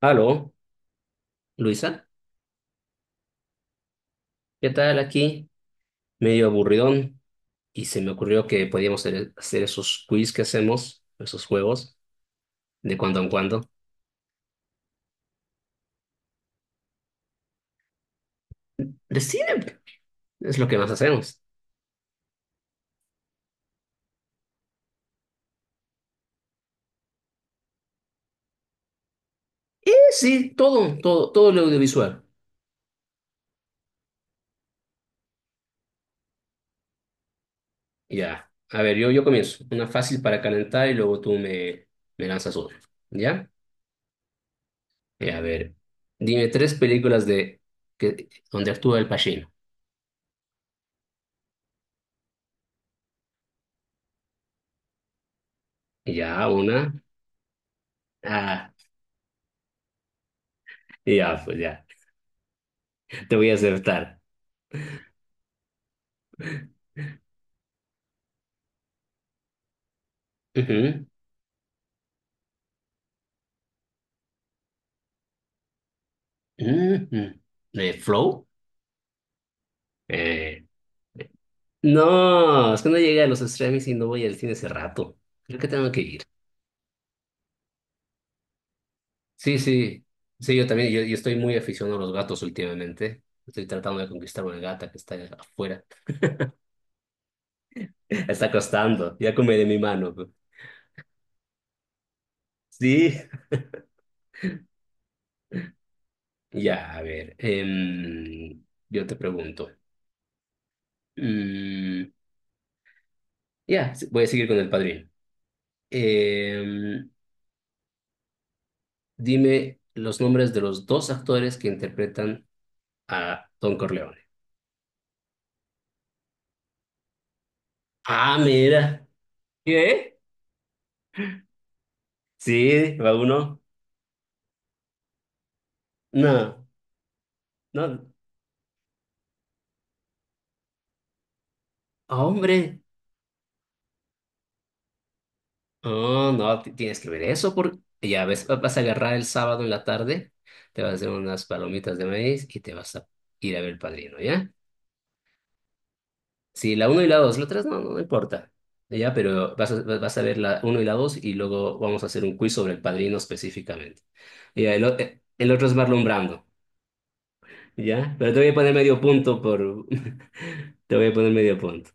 Aló, Luisa, ¿qué tal aquí? Medio aburridón y se me ocurrió que podíamos hacer esos quiz que hacemos, esos juegos, de cuando en cuando. De cine, es lo que más hacemos. Sí, todo lo audiovisual. Ya, a ver, yo comienzo. Una fácil para calentar y luego me lanzas una. ¿Ya? Ya, a ver, dime tres películas donde actúa el Pacino. Ya, una. Ah, ya, pues ya, te voy a aceptar. Ujú. Ujú. De Flow. Eh, no, es que no llegué a los streamings y no voy al cine hace rato. Creo que tengo que ir. Sí, sí. Sí, yo también, yo estoy muy aficionado a los gatos últimamente. Estoy tratando de conquistar una gata que está afuera. Está costando. Ya come de mi mano, pues. Sí. Ya, a ver. Yo te pregunto. Mm, ya, sí, voy a seguir con El Padrino. Em, dime los nombres de los dos actores que interpretan a Don Corleone. Ah, mira. ¿Qué? Sí, va uno. No, no. Hombre. Oh, no, tienes que ver eso porque ya ves, vas a agarrar el sábado en la tarde, te vas a hacer unas palomitas de maíz y te vas a ir a ver El Padrino, ¿ya? Sí, la uno y la dos, la tres no, no, no importa. Ya, pero vas a ver la uno y la dos y luego vamos a hacer un quiz sobre El Padrino específicamente. Ya, el otro es Marlon Brando. Ya, pero te voy a poner medio punto por... Te voy a poner medio punto.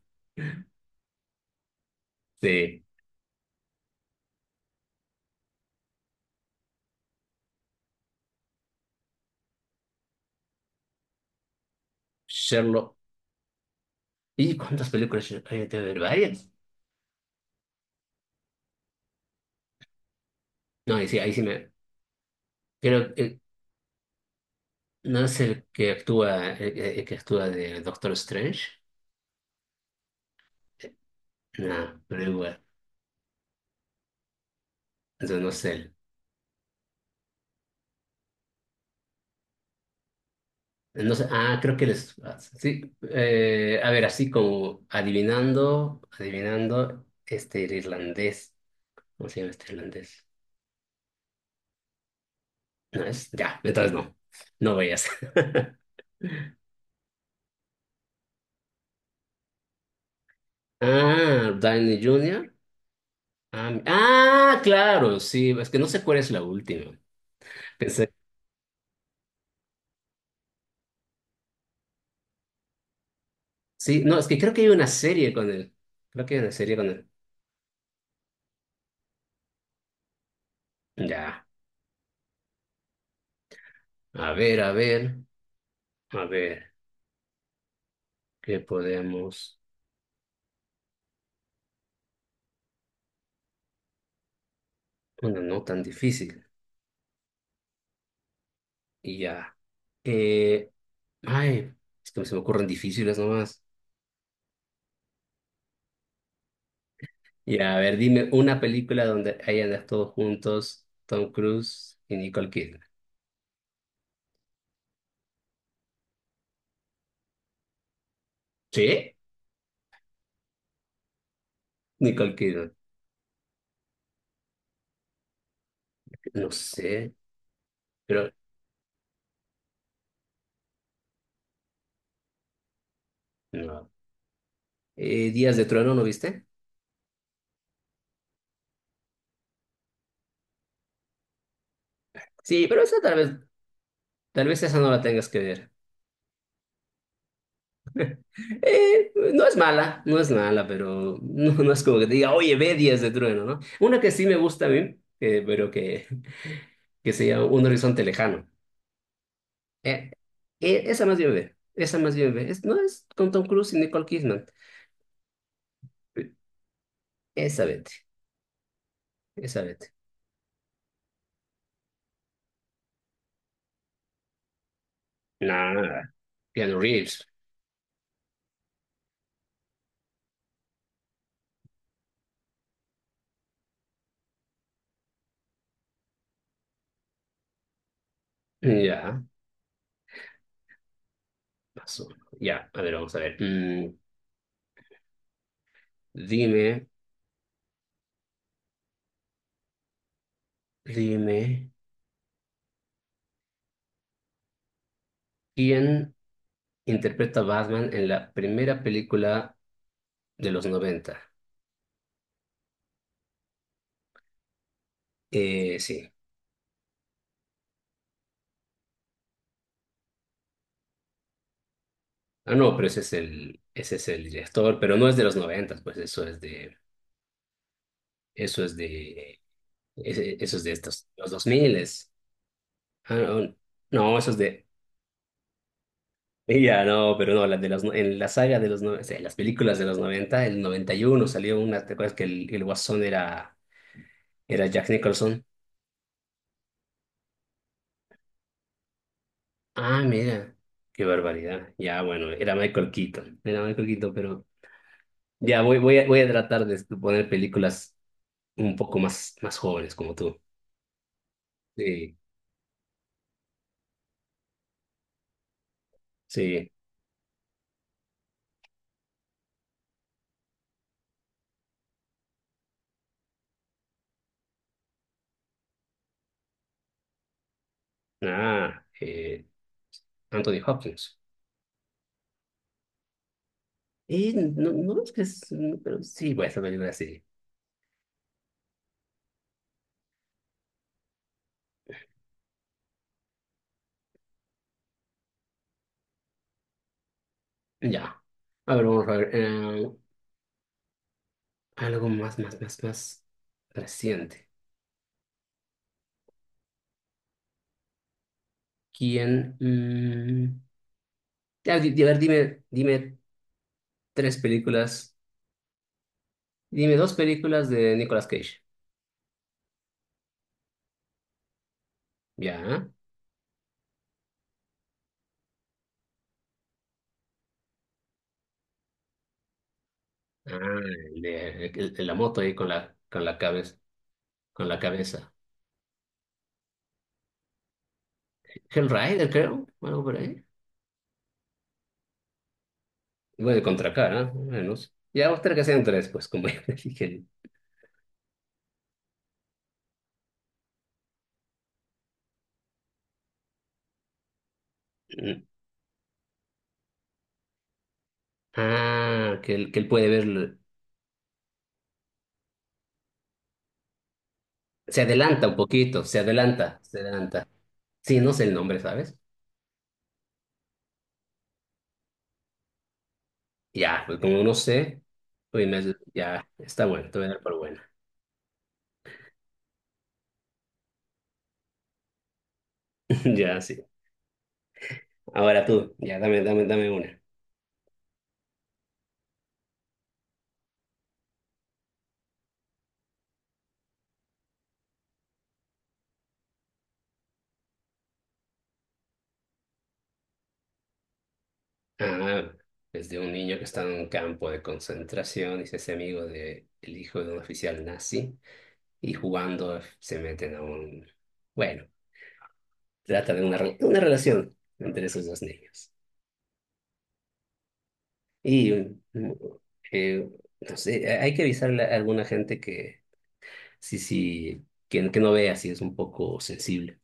Sí, Sherlock. ¿Y cuántas películas hay de ver? ¿Varias? No, ahí sí me... Creo que no es el que actúa, el que actúa de Doctor Strange. Eh, No, pero igual. Entonces no sé. Él. No sé. Ah, creo que él es... Sí. Eh, a ver, así como adivinando, este, el irlandés. ¿Cómo se llama este irlandés? No es... Ya, entonces no. No vayas. Ah, Downey Junior. Ah, claro, sí, es que no sé cuál es la última. Pensé, sí, no, es que creo que hay una serie con él. Creo que hay una serie con él. Ya, a ver, a ver, a ver, ¿qué podemos? Bueno, no tan difícil. Y ya. Eh, ay, es que se me ocurren difíciles nomás. Ya, a ver, dime una película donde hayan actuado juntos Tom Cruise y Nicole Kidman. ¿Sí? Nicole Kidman. No sé, pero no. Días de Trueno, ¿no viste? Sí, pero tal vez esa no la tengas que ver. No es mala, no es mala, pero no, no es como que te diga, oye, ve Días de Trueno, ¿no? Una que sí me gusta a mí, eh, pero que, que se llama Un Horizonte Lejano. Eh, esa más bien ve, esa más bien ve. Es- no es con Tom Cruise y Nicole Kidman. Esa vete, esa vete. Nada, Keanu Reeves. Ya, pasó. Ya, a ver, vamos a ver. Dime, dime, ¿quién interpreta a Batman en la primera película de los noventa? Sí. Ah, no, pero ese ese es el director, pero no es de los 90, pues eso es de, eso es de estos, los 2000. Ah, no, no, ya no, pero no, en la saga de los 90, en las películas de los 90, el 91 salió una, ¿te acuerdas que el Guasón era, era Jack Nicholson? Ah, mira, qué barbaridad. Ya, bueno, era Michael Keaton, pero ya voy a tratar de poner películas un poco más jóvenes como tú. Sí, sí. Ah, Anthony Hopkins. Y no, no es que es, no, pero sí, voy a hacer película sí. Ya. A ver, vamos a ver. Algo más reciente. ¿Quién? Ya, a ver, dime tres películas. Dime dos películas de Nicolas Cage. Ya. Ah, de la moto ahí con la cabeza, con la cabeza. Hellrider, creo, o algo por ahí. Igual de Contracara, más o menos. Ya, otra que sean tres, pues, como ya dije. Mm. Ah, que él puede ver. Se adelanta un poquito, se adelanta, se adelanta. Sí, no sé el nombre, ¿sabes? Ya, pues como no sé, pues ya, está bueno, te voy a dar por buena. Ya, sí. Ahora tú, ya, dame una. Ah, es de un niño que está en un campo de concentración y se hace amigo de el hijo de un oficial nazi, y jugando se meten a un, bueno, trata de una, una relación entre esos dos niños. Y eh, no sé, hay que avisarle a alguna gente que sí, sí, que no vea si es un poco sensible.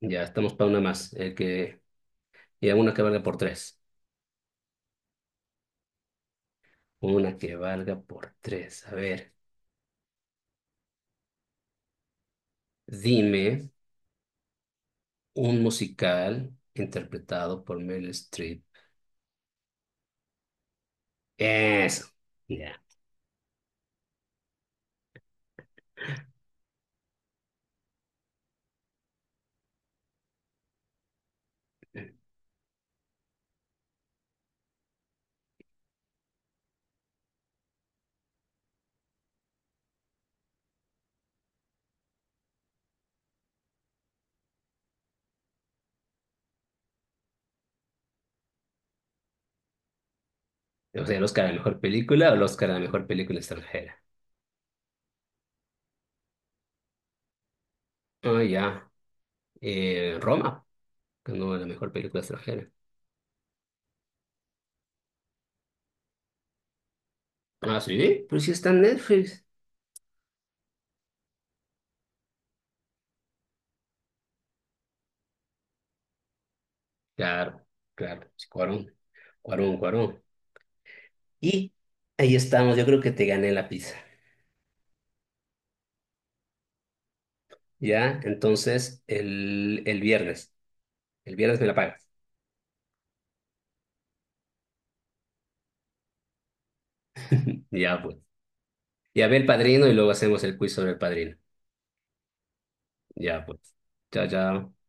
Ya estamos para una más, y una que valga por tres. Una que valga por tres. A ver, dime un musical interpretado por Meryl Streep. Eso. Ya. O sea, el Oscar a la mejor película o el Oscar a la mejor película extranjera. Ah, ya. Roma, ganó la mejor película extranjera. Ah, sí, pero si está en Netflix. Claro, claro, sí, Cuarón. Y ahí estamos, yo creo que te gané la pizza. Ya, entonces el viernes me la pagas. Ya, pues. Ya ve el padrino y luego hacemos el quiz sobre el padrino. Ya, pues. Chao, chao.